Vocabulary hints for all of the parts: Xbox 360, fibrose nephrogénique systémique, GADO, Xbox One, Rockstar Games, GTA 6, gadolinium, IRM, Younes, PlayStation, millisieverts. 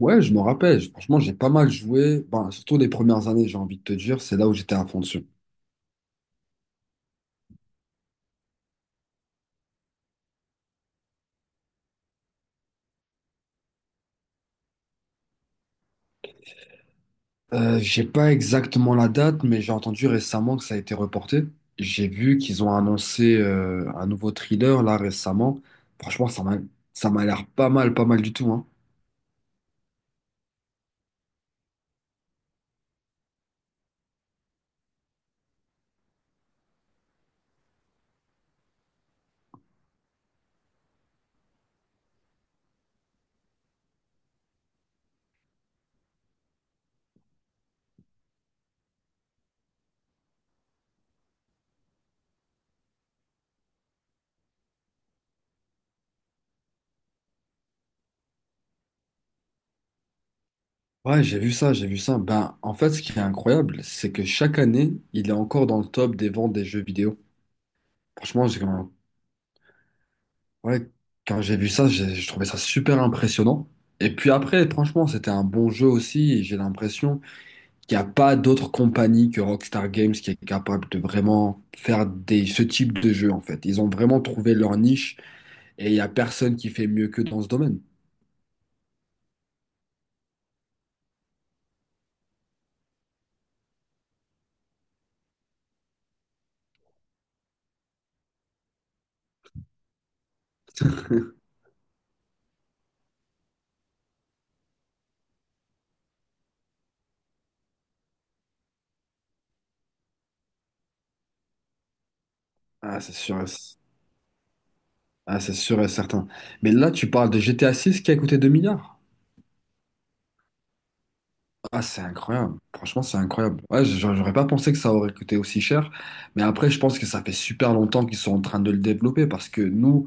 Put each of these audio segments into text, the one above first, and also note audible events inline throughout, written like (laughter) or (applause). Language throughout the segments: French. Ouais, je me rappelle. Franchement, j'ai pas mal joué. Ben, surtout les premières années, j'ai envie de te dire, c'est là où j'étais à fond dessus. J'ai pas exactement la date, mais j'ai entendu récemment que ça a été reporté. J'ai vu qu'ils ont annoncé un nouveau thriller là récemment. Franchement, ça m'a l'air pas mal, pas mal du tout, hein. Ouais, j'ai vu ça, j'ai vu ça. Ben, en fait, ce qui est incroyable, c'est que chaque année, il est encore dans le top des ventes des jeux vidéo. Franchement, j'ai- Ouais, quand j'ai vu ça, j'ai trouvé ça super impressionnant. Et puis après, franchement, c'était un bon jeu aussi . Et j'ai l'impression qu'il n'y a pas d'autre compagnie que Rockstar Games qui est capable de vraiment faire ce type de jeu, en fait. Ils ont vraiment trouvé leur niche et il n'y a personne qui fait mieux que dans ce domaine. (laughs) Ah, c'est sûr, et- ah, c'est sûr et certain. Mais là, tu parles de GTA 6 qui a coûté 2 milliards. Ah, c'est incroyable. Franchement, c'est incroyable. Ouais, j'aurais pas pensé que ça aurait coûté aussi cher. Mais après, je pense que ça fait super longtemps qu'ils sont en train de le développer parce que nous,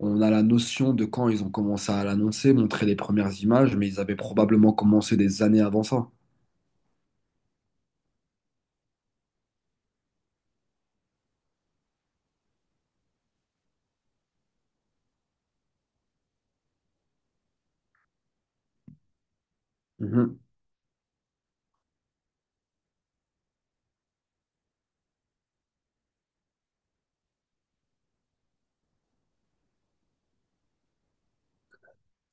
on a la notion de quand ils ont commencé à l'annoncer, montrer les premières images, mais ils avaient probablement commencé des années avant ça. Mhm.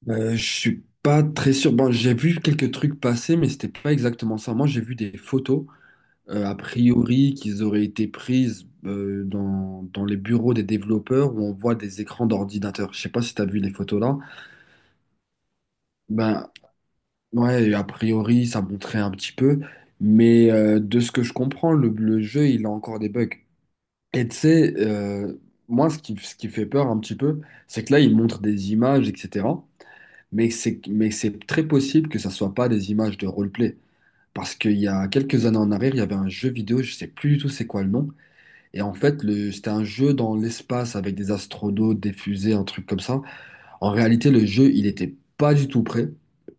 Je suis pas très sûr. Bon, j'ai vu quelques trucs passer, mais c'était pas exactement ça. Moi, j'ai vu des photos, a priori, qu'ils auraient été prises dans, dans les bureaux des développeurs où on voit des écrans d'ordinateur. Je sais pas si tu as vu les photos là. Ben, ouais, a priori, ça montrait un petit peu, mais de ce que je comprends, le jeu, il a encore des bugs. Et tu sais, moi, ce qui fait peur un petit peu, c'est que là, il montre des images, etc. Mais c'est très possible que ça soit pas des images de roleplay. Parce qu'il y a quelques années en arrière, il y avait un jeu vidéo, je sais plus du tout c'est quoi le nom. Et en fait, c'était un jeu dans l'espace avec des astronautes, des fusées, un truc comme ça. En réalité, le jeu, il était pas du tout prêt.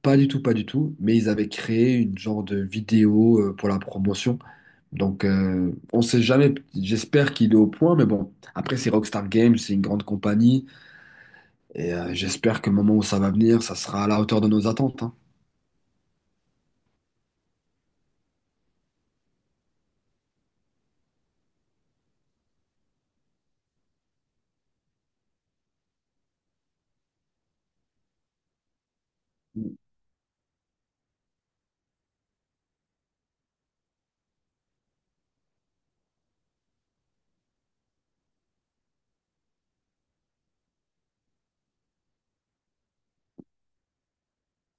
Pas du tout, pas du tout. Mais ils avaient créé une genre de vidéo pour la promotion. Donc, on sait jamais. J'espère qu'il est au point. Mais bon, après, c'est Rockstar Games, c'est une grande compagnie. Et j'espère que le moment où ça va venir, ça sera à la hauteur de nos attentes, hein.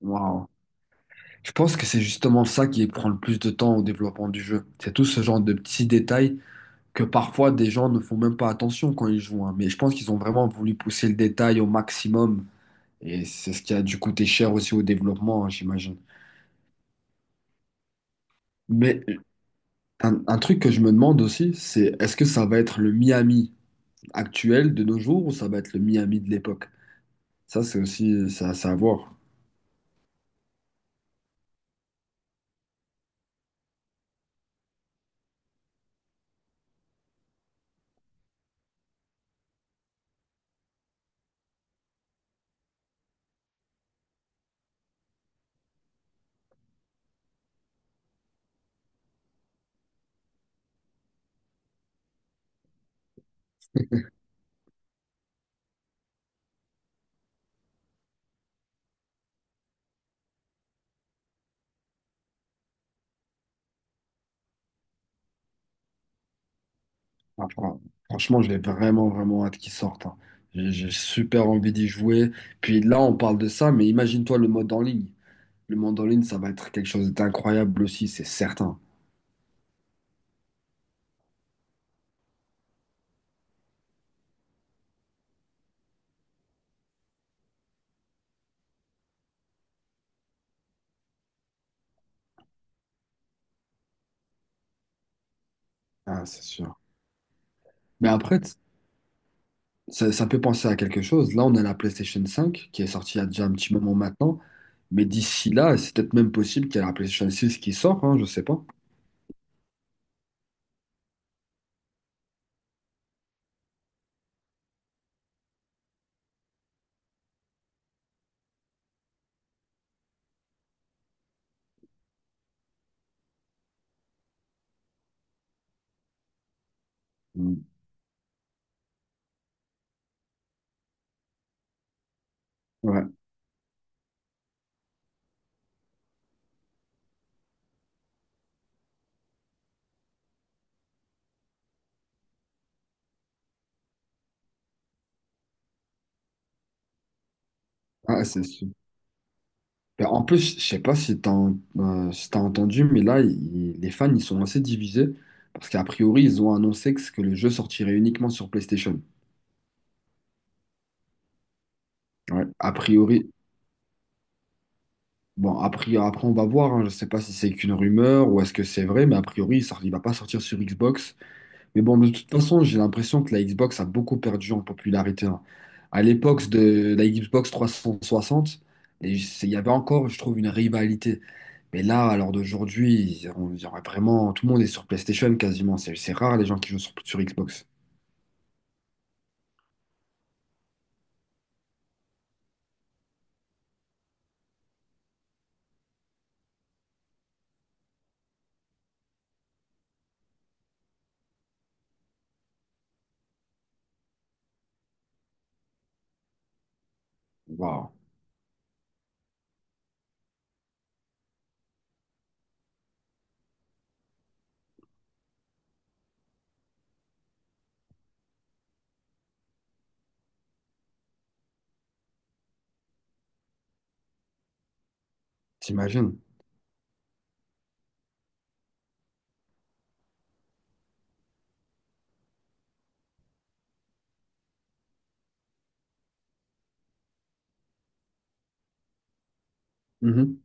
Waouh. Je pense que c'est justement ça qui prend le plus de temps au développement du jeu. C'est tout ce genre de petits détails que parfois des gens ne font même pas attention quand ils jouent, hein. Mais je pense qu'ils ont vraiment voulu pousser le détail au maximum. Et c'est ce qui a dû coûter cher aussi au développement, hein, j'imagine. Mais un truc que je me demande aussi, c'est est-ce que ça va être le Miami actuel de nos jours ou ça va être le Miami de l'époque? Ça, c'est aussi ça à savoir. Ah, fran- Franchement, j'ai vraiment, vraiment hâte qu'ils sortent, hein. J'ai super envie d'y jouer. Puis là, on parle de ça, mais imagine-toi le mode en ligne. Le mode en ligne, ça va être quelque chose d'incroyable aussi, c'est certain. Ah, c'est sûr. Mais après, t- ça, ça peut penser à quelque chose. Là, on a la PlayStation cinq qui est sortie il y a déjà un petit moment maintenant. Mais d'ici là, c'est peut-être même possible qu'il y ait la PlayStation six qui sort, hein, je sais pas. Mm. Ouais. Ah, c'est sûr. Ben, en plus, je sais pas si si t'as entendu, mais là, les fans, ils sont assez divisés. Parce qu'à priori, ils ont annoncé que le jeu sortirait uniquement sur PlayStation. Ouais. A priori, bon, a priori, après on va voir, hein. Je sais pas si c'est qu'une rumeur ou est-ce que c'est vrai, mais a priori il va pas sortir sur Xbox. Mais bon, de toute façon, j'ai l'impression que la Xbox a beaucoup perdu en popularité, hein. À l'époque de la Xbox 360, il y avait encore, je trouve, une rivalité. Mais là, à l'heure d'aujourd'hui, on dirait vraiment, tout le monde est sur PlayStation quasiment. C'est rare les gens qui jouent sur, sur Xbox. Waouh, t'imagines? Mhm.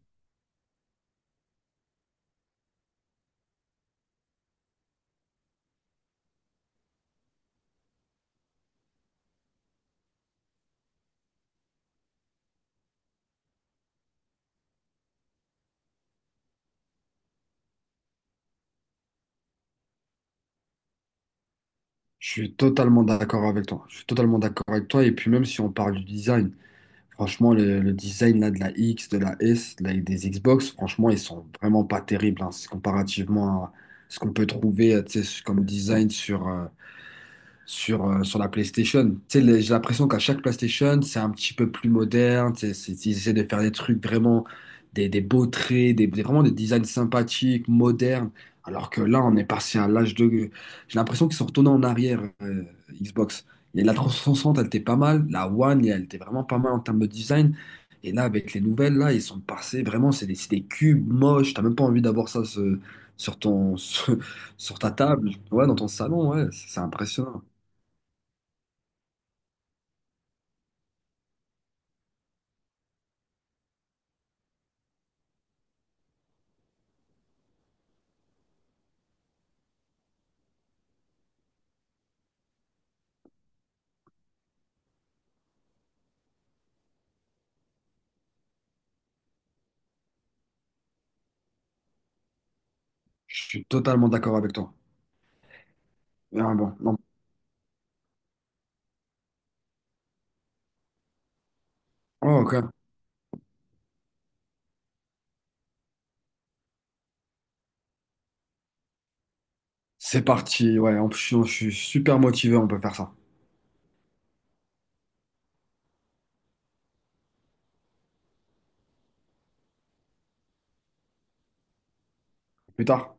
Je suis totalement d'accord avec toi. Je suis totalement d'accord avec toi. Et puis même si on parle du design. Franchement, le design là, de la X, de la S, des Xbox, franchement, ils sont vraiment pas terribles hein, c'est comparativement à ce qu'on peut trouver tu sais, comme design sur la PlayStation. Tu sais, j'ai l'impression qu'à chaque PlayStation, c'est un petit peu plus moderne. Tu sais, ils essaient de faire des trucs vraiment, des beaux traits, vraiment des designs sympathiques, modernes. Alors que là, on est passé à l'âge de... J'ai l'impression qu'ils sont retournés en arrière, Xbox. Et la 360, elle était pas mal. La One, elle était vraiment pas mal en termes de design. Et là, avec les nouvelles, là, ils sont passés vraiment, c'est des cubes moches. T'as même pas envie d'avoir ça sur ton, (laughs) sur ta table, ouais, dans ton salon, ouais, c'est impressionnant. Je suis totalement d'accord avec toi. Ah, bon, non. Oh, ok. C'est parti. Ouais, en plus, je suis super motivé, on peut faire ça. Plus tard.